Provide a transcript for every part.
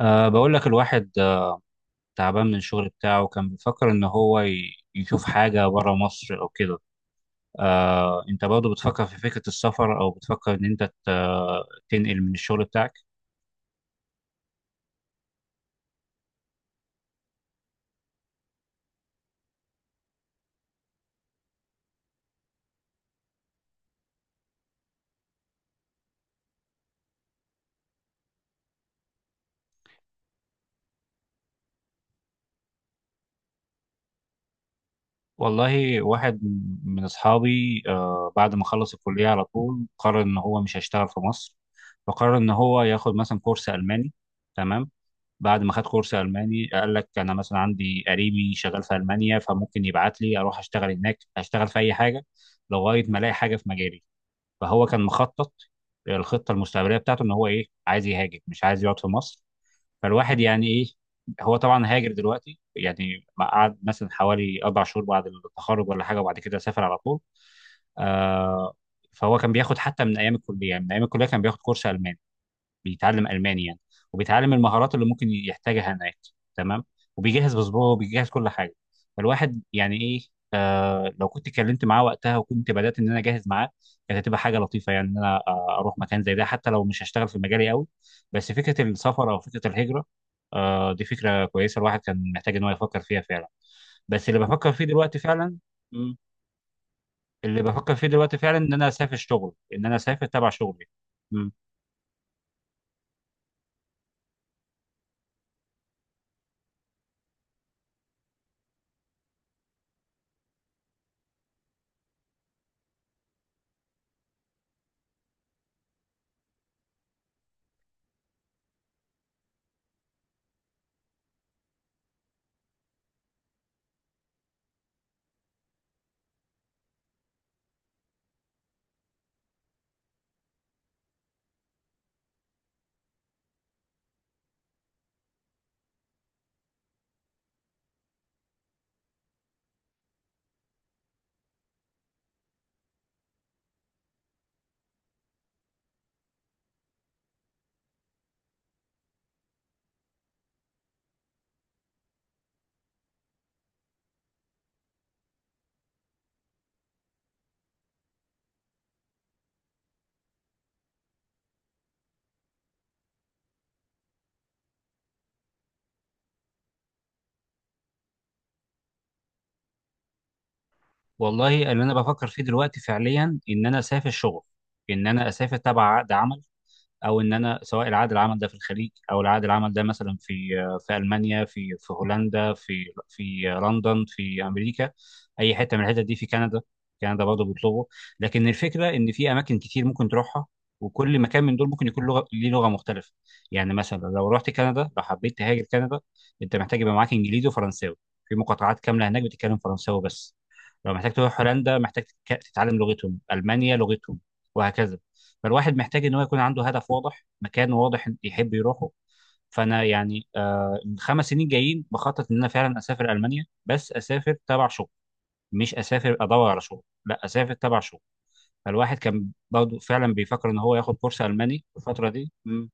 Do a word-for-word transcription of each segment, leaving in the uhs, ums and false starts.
أه بقول لك الواحد آه، تعبان من الشغل بتاعه. كان بيفكر إن هو ي- يشوف حاجة بره مصر أو كده. أه أنت برضه بتفكر في فكرة السفر، أو بتفكر إن أنت ت- تنقل من الشغل بتاعك؟ والله، واحد من أصحابي أه بعد ما خلص الكلية على طول قرر إن هو مش هيشتغل في مصر. فقرر إن هو ياخد مثلا كورس ألماني. تمام. بعد ما خد كورس الماني، قال لك انا مثلا عندي قريبي شغال في المانيا، فممكن يبعت لي اروح اشتغل هناك، اشتغل في اي حاجه لغايه ما الاقي حاجه في مجالي. فهو كان مخطط. الخطه المستقبليه بتاعته ان هو ايه عايز يهاجر، مش عايز يقعد في مصر. فالواحد يعني ايه. هو طبعا هاجر دلوقتي، يعني ما قعد مثلا حوالي اربع شهور بعد التخرج ولا حاجه، وبعد كده سافر على طول. آه. فهو كان بياخد حتى من ايام الكليه، يعني من ايام الكليه كان بياخد كورس الماني، بيتعلم الماني يعني، وبيتعلم المهارات اللي ممكن يحتاجها هناك. تمام. وبيجهز باسبوعه وبيجهز كل حاجه. فالواحد يعني ايه. آه لو كنت اتكلمت معاه وقتها وكنت بدات ان انا اجهز معاه، كانت هتبقى حاجه لطيفه. يعني ان انا آه، اروح مكان زي ده حتى لو مش هشتغل في مجالي قوي. بس فكره السفر او فكره الهجره، آه دي فكره كويسه. الواحد كان محتاج ان هو يفكر فيها فعلا. بس اللي بفكر فيه دلوقتي فعلا، مم. اللي بفكر فيه دلوقتي فعلا ان انا اسافر شغل، ان انا اسافر تبع شغلي. والله، اللي انا بفكر فيه دلوقتي فعليا ان انا اسافر شغل، ان انا اسافر تبع عقد عمل. او ان انا، سواء العقد العمل ده في الخليج، او العقد العمل ده مثلا في في المانيا، في في هولندا، في في لندن، في امريكا. اي حته من الحتت دي، في كندا. كندا برضه بيطلبوا. لكن الفكره ان في اماكن كتير ممكن تروحها، وكل مكان من دول ممكن يكون لغه ليه، لغه مختلفه. يعني مثلا لو رحت كندا، لو حبيت تهاجر كندا، انت محتاج يبقى معاك انجليزي وفرنساوي. في مقاطعات كامله هناك بتتكلم فرنساوي بس. لو محتاج تروح هولندا، محتاج تك- تتعلم لغتهم، المانيا لغتهم، وهكذا. فالواحد محتاج ان هو يكون عنده هدف واضح، مكان واضح يحب يروحه. فانا يعني آه الخمس سنين جايين بخطط ان انا فعلا اسافر المانيا، بس اسافر تبع شغل. مش اسافر ادور على شغل، لا، اسافر تبع شغل. فالواحد كان برضه فعلا بيفكر ان هو ياخد كورس الماني الفتره دي. مم.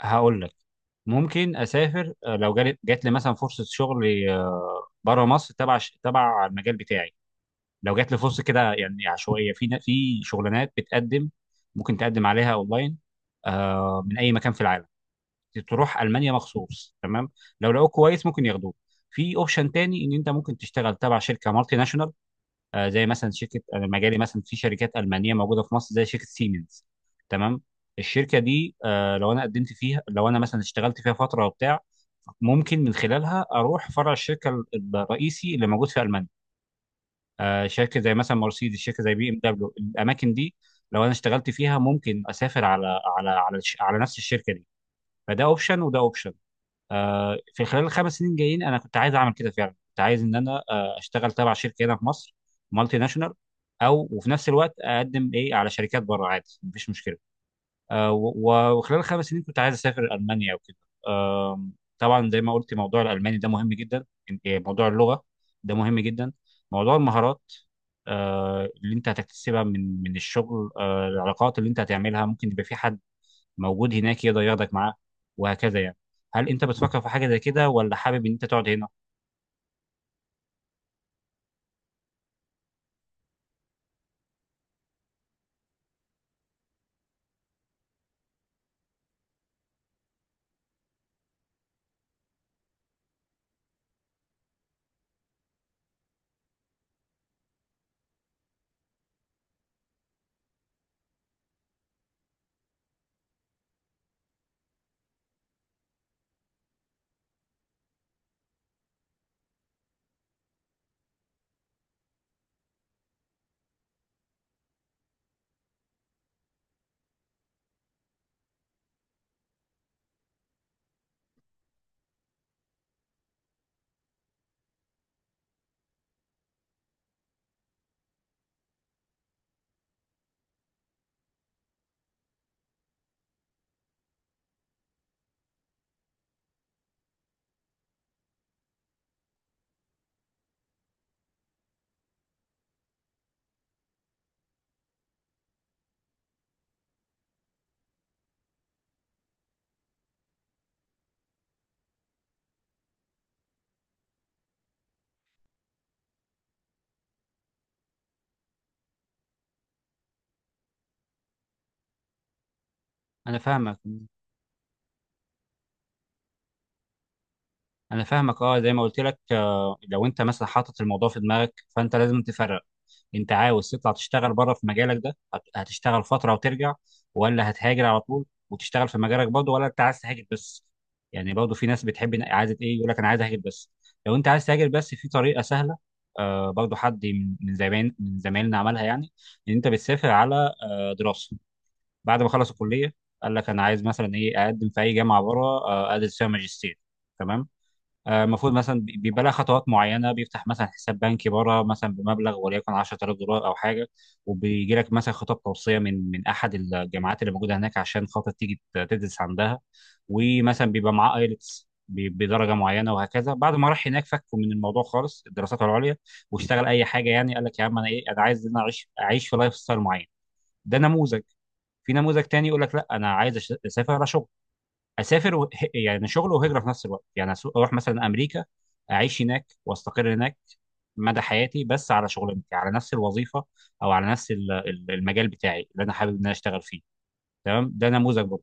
هقول لك. ممكن اسافر آه، لو جالي- جات لي مثلا فرصه شغل آه، بره مصر تبع ش- تبع المجال بتاعي. لو جات لي فرصه كده يعني عشوائيه، في في شغلانات بتقدم، ممكن تقدم عليها اونلاين. آه من اي مكان في العالم، تروح المانيا مخصوص. تمام. لو لقوك كويس، ممكن ياخدوك. في اوبشن تاني، ان انت ممكن تشتغل تبع شركه مالتي ناشونال. آه زي مثلا شركه. أنا مجالي مثلا في شركات المانيه موجوده في مصر، زي شركه سيمنز. تمام. الشركه دي آه لو انا قدمت فيها، لو انا مثلا اشتغلت فيها فتره وبتاع، ممكن من خلالها اروح فرع الشركه ال- الرئيسي اللي موجود في المانيا. آه، شركه زي مثلا مرسيدس، شركه زي بي ام دبليو، الاماكن دي. لو انا اشتغلت فيها، ممكن اسافر على على على الش- على نفس الشركه دي. فده اوبشن وده اوبشن. آه، في خلال الخمس سنين جايين انا كنت عايز اعمل كده فعلا، كنت عايز ان انا آه، اشتغل تبع شركه هنا في مصر، مالتي ناشونال. او وفي نفس الوقت اقدم ايه على شركات بره عادي، مفيش مشكله. آه، و- وخلال الخمس سنين كنت عايز اسافر المانيا وكده. آم، طبعا زي ما قلت، موضوع الالماني ده مهم جدا. إن- إيه، موضوع اللغه ده مهم جدا. موضوع المهارات آه، اللي انت هتكتسبها من من الشغل آه، العلاقات اللي انت هتعملها، ممكن يبقى في حد موجود هناك يقدر ياخدك معاه، وهكذا يعني. هل انت بتفكر في حاجه زي كده، ولا حابب ان انت تقعد هنا؟ انا فاهمك. انا فاهمك اه. زي ما قلت لك آه، لو انت مثلا حاطط الموضوع في دماغك، فانت لازم تفرق. انت عاوز تطلع تشتغل بره في مجالك ده، هت- هتشتغل فتره وترجع، ولا هتهاجر على طول وتشتغل في مجالك برضه، ولا انت عايز تهاجر بس؟ يعني برضه في ناس بتحب، إن- عايزه ايه. يقول لك انا عايز اهاجر بس. لو انت عايز تهاجر بس، في طريقه سهله. آه برضه حد من من زمان، من زمايلنا عملها، يعني ان انت بتسافر على آه، دراسه. بعد ما خلص الكليه، قال لك انا عايز مثلا ايه اقدم في اي جامعه بره آه، ادرس فيها ماجستير. تمام. آه، المفروض مثلا بي- بيبقى لها خطوات معينه. بيفتح مثلا حساب بنكي بره مثلا بمبلغ وليكن عشرة آلاف دولار او حاجه. وبيجي لك مثلا خطاب توصيه من من احد الجامعات اللي موجوده هناك، عشان خاطر تيجي ت- تدرس عندها. ومثلا بيبقى معاه ايلتس بدرجه معينه وهكذا. بعد ما راح هناك، فكوا من الموضوع خالص، الدراسات العليا. واشتغل اي حاجه. يعني قال لك يا عم انا ايه، انا عايز ان انا اعيش اعيش في لايف ستايل معين. ده نموذج. في نموذج تاني يقول لك لا، انا عايز أش- اسافر اشوف. اسافر و... ه- يعني شغل وهجره في نفس الوقت. يعني أسو- اروح مثلا امريكا، اعيش هناك واستقر هناك مدى حياتي، بس على شغلانتي، على نفس الوظيفه، او على نفس ال- ال- المجال بتاعي اللي انا حابب ان انا اشتغل فيه. تمام، ده نموذج برضه.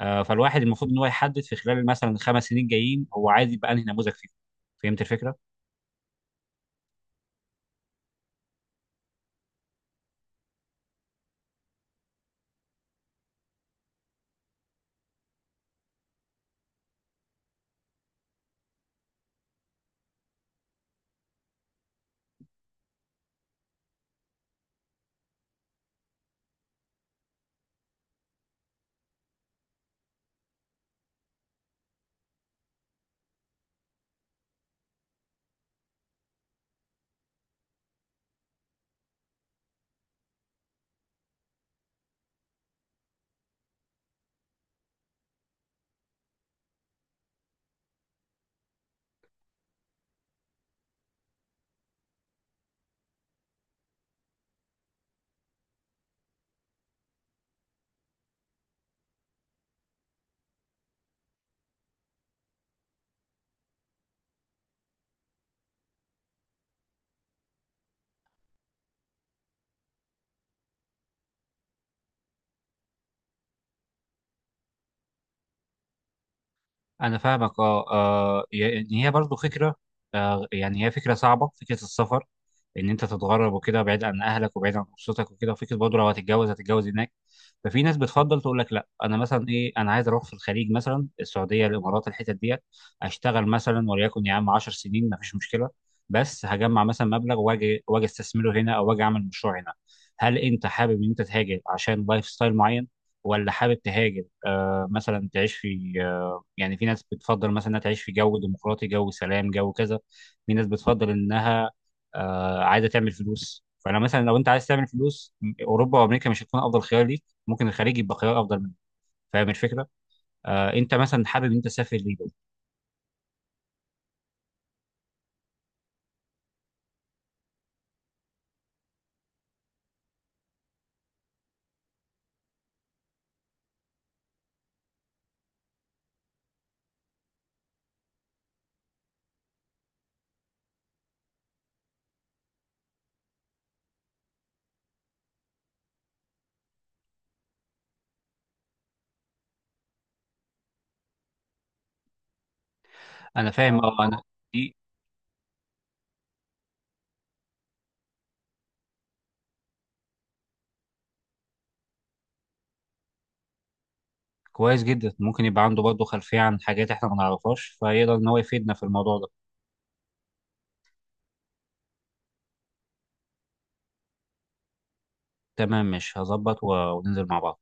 آه، فالواحد المفروض ان هو يحدد في خلال مثلا الخمس سنين جايين، هو عايز يبقى انهي نموذج فيه. فهمت الفكره؟ انا فاهمك اه. آه، يعني هي برضو فكره، آه يعني هي فكره صعبه، فكره السفر. ان انت تتغرب وكده، بعيد عن اهلك وبعيد عن اسرتك وكده، وفكره برضو لو هتتجوز، هتتجوز هناك. ففي ناس بتفضل تقول لك لا، انا مثلا ايه، انا عايز اروح في الخليج، مثلا السعوديه، الامارات، الحتت ديت. اشتغل مثلا وليكن يا عم عشر سنين، ما فيش مشكله. بس هجمع مثلا مبلغ، واجي واجي استثمره هنا، او واجي اعمل مشروع هنا. هل انت حابب ان انت تهاجر عشان لايف ستايل معين، ولا حابب تهاجر آه مثلا تعيش في آه، يعني في ناس بتفضل مثلا انها تعيش في جو ديمقراطي، جو سلام، جو كذا. في ناس بتفضل انها آه عايزه تعمل فلوس. فانا مثلا لو انت عايز تعمل فلوس، م- اوروبا وامريكا مش هتكون افضل خيار ليك، ممكن الخليج يبقى خيار افضل منك. فاهم الفكره؟ آه انت مثلا حابب انت تسافر ليه؟ انا فاهم اه، اه. انا دي كويس جدا. ممكن يبقى عنده برضه خلفيه عن حاجات احنا ما نعرفهاش، فيقدر ان هو يفيدنا في الموضوع ده. تمام، مش هظبط و- وننزل مع بعض.